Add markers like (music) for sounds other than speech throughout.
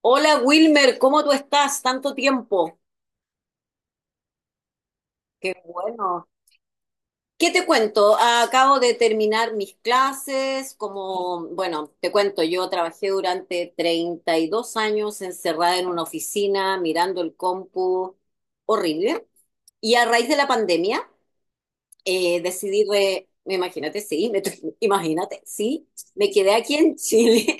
Hola Wilmer, ¿cómo tú estás? Tanto tiempo. Qué bueno. ¿Qué te cuento? Acabo de terminar mis clases, como, bueno, te cuento, yo trabajé durante 32 años encerrada en una oficina, mirando el compu, horrible. Y a raíz de la pandemia, decidí, imagínate, sí, (laughs) imagínate, sí, me quedé aquí en Chile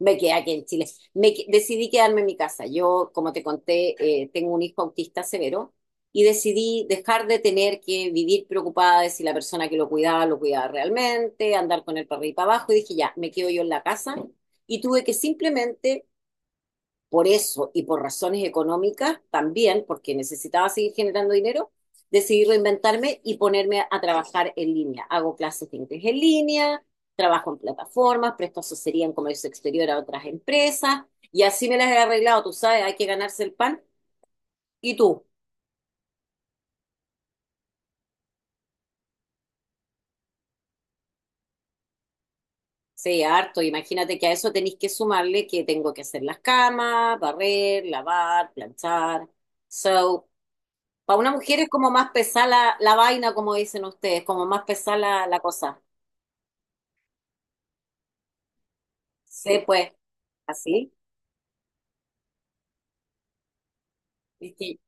Me quedé aquí en Chile. Decidí quedarme en mi casa. Yo, como te conté, tengo un hijo autista severo y decidí dejar de tener que vivir preocupada de si la persona que lo cuidaba realmente, andar con el perrito abajo y dije, ya, me quedo yo en la casa y tuve que simplemente por eso y por razones económicas también, porque necesitaba seguir generando dinero, decidí reinventarme y ponerme a trabajar en línea. Hago clases de inglés en línea, trabajo en plataformas, presto asesoría en comercio exterior a otras empresas y así me las he arreglado, tú sabes, hay que ganarse el pan. ¿Y tú? Sí, harto. Imagínate que a eso tenéis que sumarle que tengo que hacer las camas, barrer, lavar, planchar. So, para una mujer es como más pesada la vaina, como dicen ustedes, como más pesada la cosa. Sí, pues, así. Es que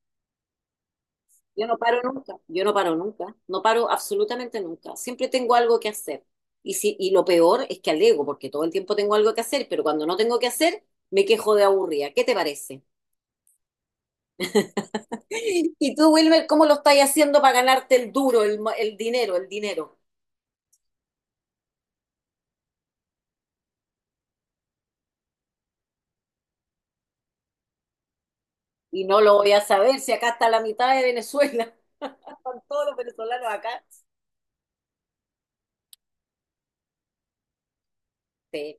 yo no paro nunca, yo no paro nunca, no paro absolutamente nunca. Siempre tengo algo que hacer. Y, si, y lo peor es que alego, porque todo el tiempo tengo algo que hacer, pero cuando no tengo que hacer, me quejo de aburrida. ¿Qué te parece? (laughs) Y tú, Wilmer, ¿cómo lo estás haciendo para ganarte el duro, el dinero, el dinero? Y no lo voy a saber si acá está la mitad de Venezuela, (laughs) con todos los venezolanos acá. Sí.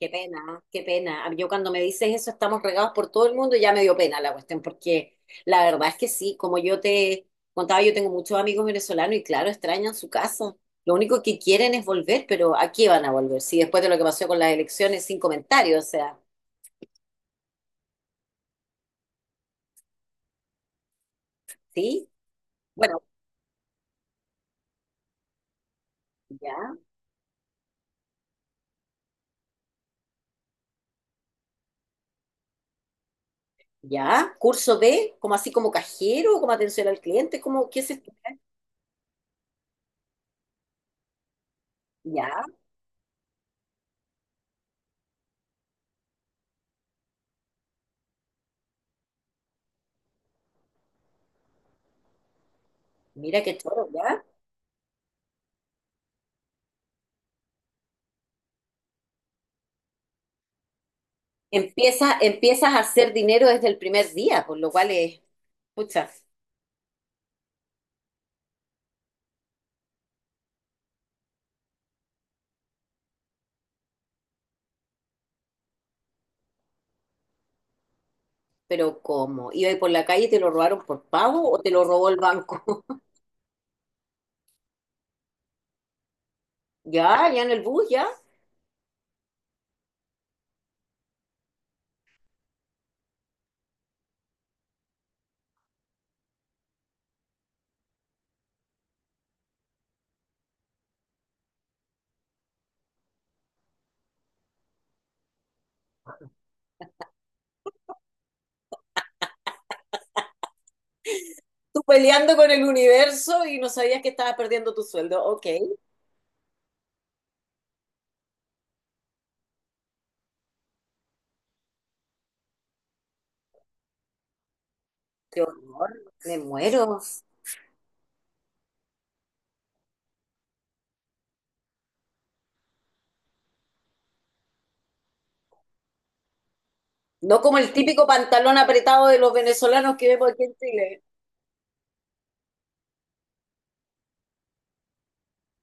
Qué pena, qué pena. Yo cuando me dices eso, estamos regados por todo el mundo, y ya me dio pena la cuestión, porque la verdad es que sí, como yo te contaba, yo tengo muchos amigos venezolanos y claro, extrañan su casa. Lo único que quieren es volver, pero ¿a qué van a volver? Sí, después de lo que pasó con las elecciones, sin comentarios, o sea, ¿sí? Bueno, ya, ya. Curso B, como así como cajero, como atención al cliente, como, ¿qué es esto? Ya, mira qué choro, ya. Empieza, empiezas a hacer dinero desde el primer día, por lo cual es, pucha. Pero ¿cómo? ¿Iba ahí por la calle y te lo robaron por pago o te lo robó el banco? (laughs) Ya, ya en el bus, ya. Tú peleando con el universo y no sabías que estabas perdiendo tu sueldo. Ok, qué horror, me muero. No como el típico pantalón apretado de los venezolanos que vemos aquí en Chile.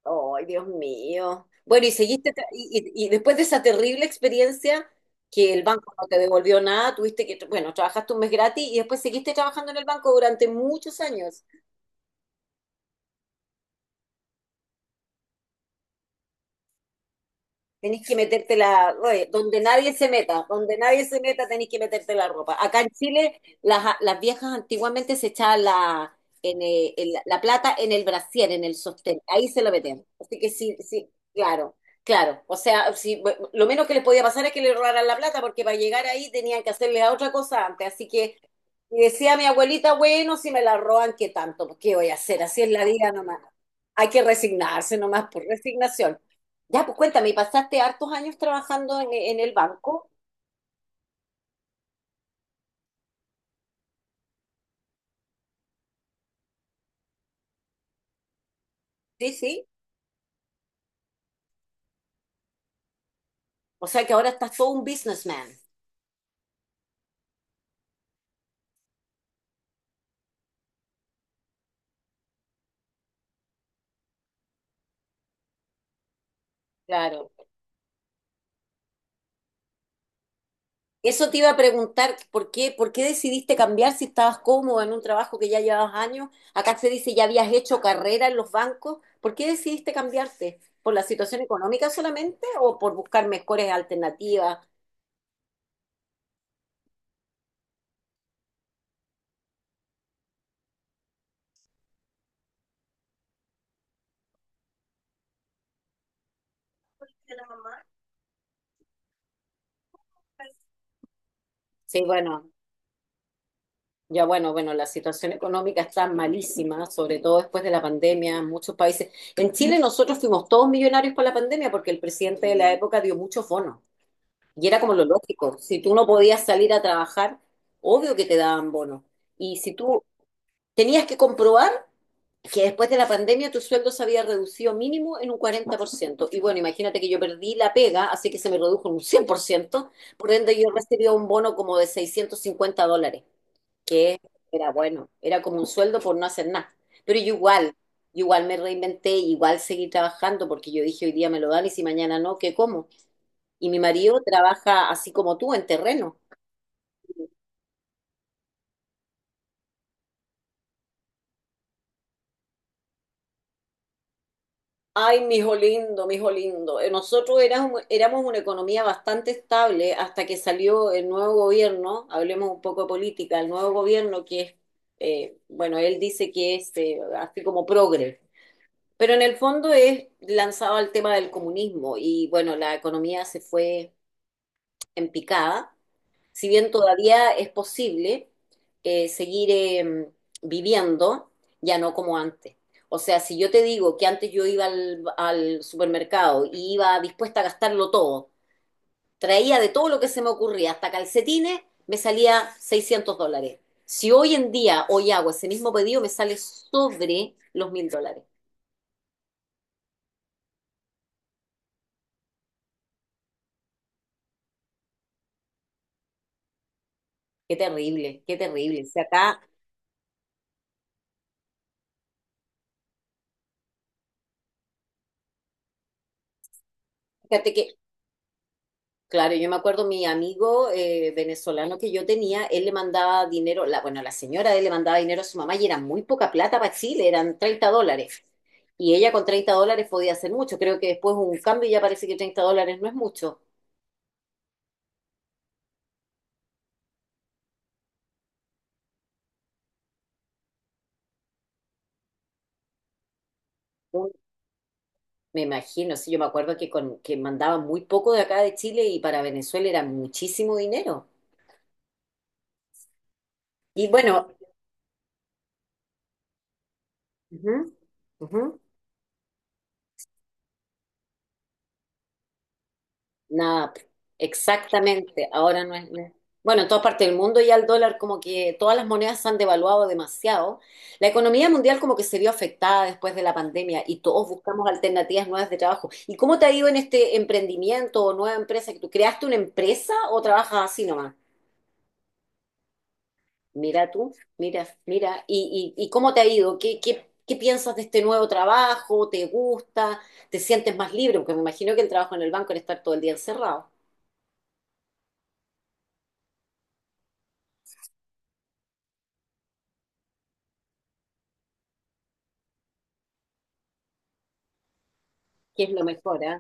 Ay, Dios mío. Bueno, y seguiste, y después de esa terrible experiencia que el banco no te devolvió nada, tuviste que, bueno, trabajaste un mes gratis y después seguiste trabajando en el banco durante muchos años. Tenés que meterte la, oye, donde nadie se meta, donde nadie se meta tenés que meterte la ropa. Acá en Chile las viejas antiguamente se echaban la, en la plata en el brasier, en el sostén, ahí se lo metían. Así que sí, sí, claro, claro. O sea, sí, bu- lo menos que les podía pasar es que le robaran la plata porque para llegar ahí tenían que hacerle a otra cosa antes. Así que y decía mi abuelita, bueno, si me la roban, ¿qué tanto? Pues, ¿qué voy a hacer? Así es la vida nomás. Hay que resignarse nomás por resignación. Ya, pues cuéntame, ¿y pasaste hartos años trabajando en el banco? Sí, sí, o sea que ahora estás todo un businessman. Claro. Eso te iba a preguntar, por qué decidiste cambiar si estabas cómodo en un trabajo que ya llevabas años? Acá se dice ya habías hecho carrera en los bancos. ¿Por qué decidiste cambiarte? ¿Por la situación económica solamente o por buscar mejores alternativas? Sí, bueno, ya bueno, bueno, la situación económica está malísima, sobre todo después de la pandemia en muchos países. En Chile nosotros fuimos todos millonarios con la pandemia porque el presidente de la época dio muchos bonos y era como lo lógico. Si tú no podías salir a trabajar, obvio que te daban bonos. Y si tú tenías que comprobar que después de la pandemia tu sueldo se había reducido mínimo en un 40 por ciento. Y bueno, imagínate que yo perdí la pega, así que se me redujo en un 100 por ciento, por ende yo recibía un bono como de $650 que era bueno, era como un sueldo por no hacer nada. Pero yo igual me reinventé, igual seguí trabajando porque yo dije hoy día me lo dan y si mañana no, ¿qué como? Y mi marido trabaja así como tú, en terreno. Ay, mijo lindo, mijo lindo. Nosotros éramos, éramos una economía bastante estable hasta que salió el nuevo gobierno, hablemos un poco de política, el nuevo gobierno que es, bueno, él dice que es así como progre. Pero en el fondo es lanzado al tema del comunismo y bueno, la economía se fue en picada. Si bien todavía es posible seguir viviendo, ya no como antes. O sea, si yo te digo que antes yo iba al, al supermercado y iba dispuesta a gastarlo todo, traía de todo lo que se me ocurría, hasta calcetines, me salía $600. Si hoy en día, hoy hago ese mismo pedido, me sale sobre los $1.000. Qué terrible, qué terrible. Si acá fíjate que, claro, yo me acuerdo mi amigo venezolano que yo tenía, él le mandaba dinero, la, bueno, la señora de él le mandaba dinero a su mamá y era muy poca plata para Chile, eran $30. Y ella con $30 podía hacer mucho. Creo que después hubo un cambio y ya parece que $30 no es mucho. Un- me imagino, sí, yo me acuerdo que, con, que mandaba muy poco de acá de Chile y para Venezuela era muchísimo dinero. Y bueno, ujú, ujú. Nada, p- exactamente. Ahora no es. Bueno, en todas partes del mundo ya el dólar, como que todas las monedas se han devaluado demasiado. La economía mundial como que se vio afectada después de la pandemia y todos buscamos alternativas nuevas de trabajo. ¿Y cómo te ha ido en este emprendimiento o nueva empresa que tú creaste una empresa o trabajas así nomás? Mira tú, mira, mira. Y cómo te ha ido? Qué piensas de este nuevo trabajo? ¿Te gusta? ¿Te sientes más libre? Porque me imagino que el trabajo en el banco era estar todo el día encerrado, que es lo mejor, ¿eh?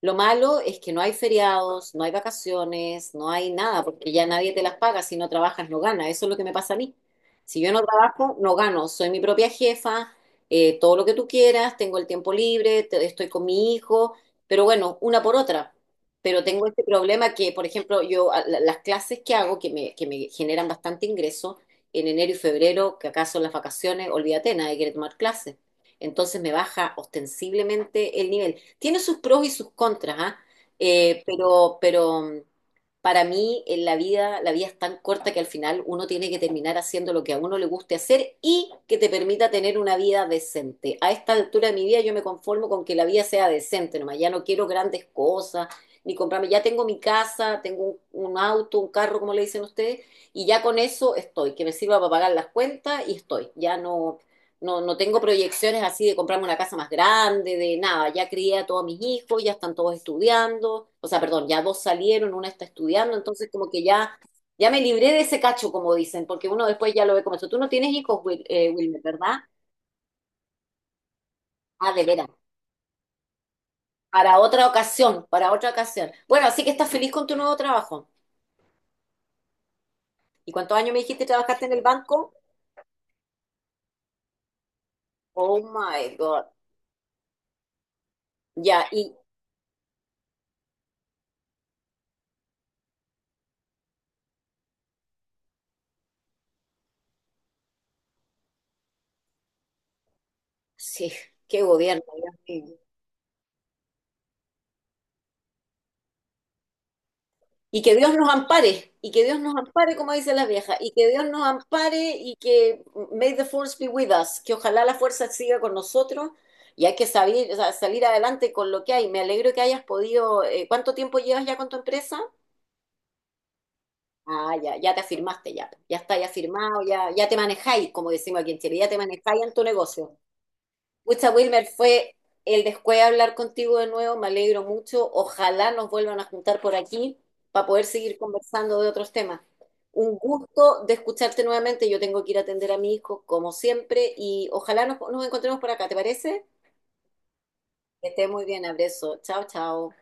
Lo malo es que no hay feriados, no hay vacaciones, no hay nada, porque ya nadie te las paga. Si no trabajas, no ganas. Eso es lo que me pasa a mí. Si yo no trabajo, no gano. Soy mi propia jefa, todo lo que tú quieras, tengo el tiempo libre, estoy con mi hijo, pero bueno, una por otra. Pero tengo este problema que, por ejemplo, las clases que hago, que me generan bastante ingreso, en enero y febrero, que acá son las vacaciones, olvídate, nadie quiere tomar clases. Entonces me baja ostensiblemente el nivel. Tiene sus pros y sus contras, ¿ah? Pero para mí en la vida es tan corta que al final uno tiene que terminar haciendo lo que a uno le guste hacer y que te permita tener una vida decente. A esta altura de mi vida yo me conformo con que la vida sea decente, nomás ya no quiero grandes cosas, ni comprarme, ya tengo mi casa, tengo un auto, un carro, como le dicen ustedes, y ya con eso estoy, que me sirva para pagar las cuentas y estoy. Ya no, no tengo proyecciones así de comprarme una casa más grande, de nada. Ya crié a todos mis hijos, ya están todos estudiando. O sea, perdón, ya dos salieron, una está estudiando, entonces como que ya, ya me libré de ese cacho, como dicen, porque uno después ya lo ve como eso. Tú no tienes hijos, Wilmer, ¿verdad? Ah, de veras. Para otra ocasión, para otra ocasión. Bueno, así que estás feliz con tu nuevo trabajo. ¿Y cuántos años me dijiste trabajaste en el banco? Oh my God. Ya, y sí, qué gobierno, Dios mío. Y que Dios nos ampare, y que Dios nos ampare, como dicen las viejas, y que Dios nos ampare y que may the force be with us, que ojalá la fuerza siga con nosotros y hay que salir, o sea, salir adelante con lo que hay. Me alegro que hayas podido, ¿cuánto tiempo llevas ya con tu empresa? Ah, ya, ya te afirmaste, ya, ya está, ya firmado, ya, ya te manejáis, como decimos aquí en Chile, ya te manejáis en tu negocio. Mucha Wilmer, fue el después hablar contigo de nuevo, me alegro mucho. Ojalá nos vuelvan a juntar por aquí para poder seguir conversando de otros temas. Un gusto de escucharte nuevamente. Yo tengo que ir a atender a mi hijo, como siempre, y ojalá nos encontremos por acá, ¿te parece? Que estés muy bien, abrazo. Chao, chao.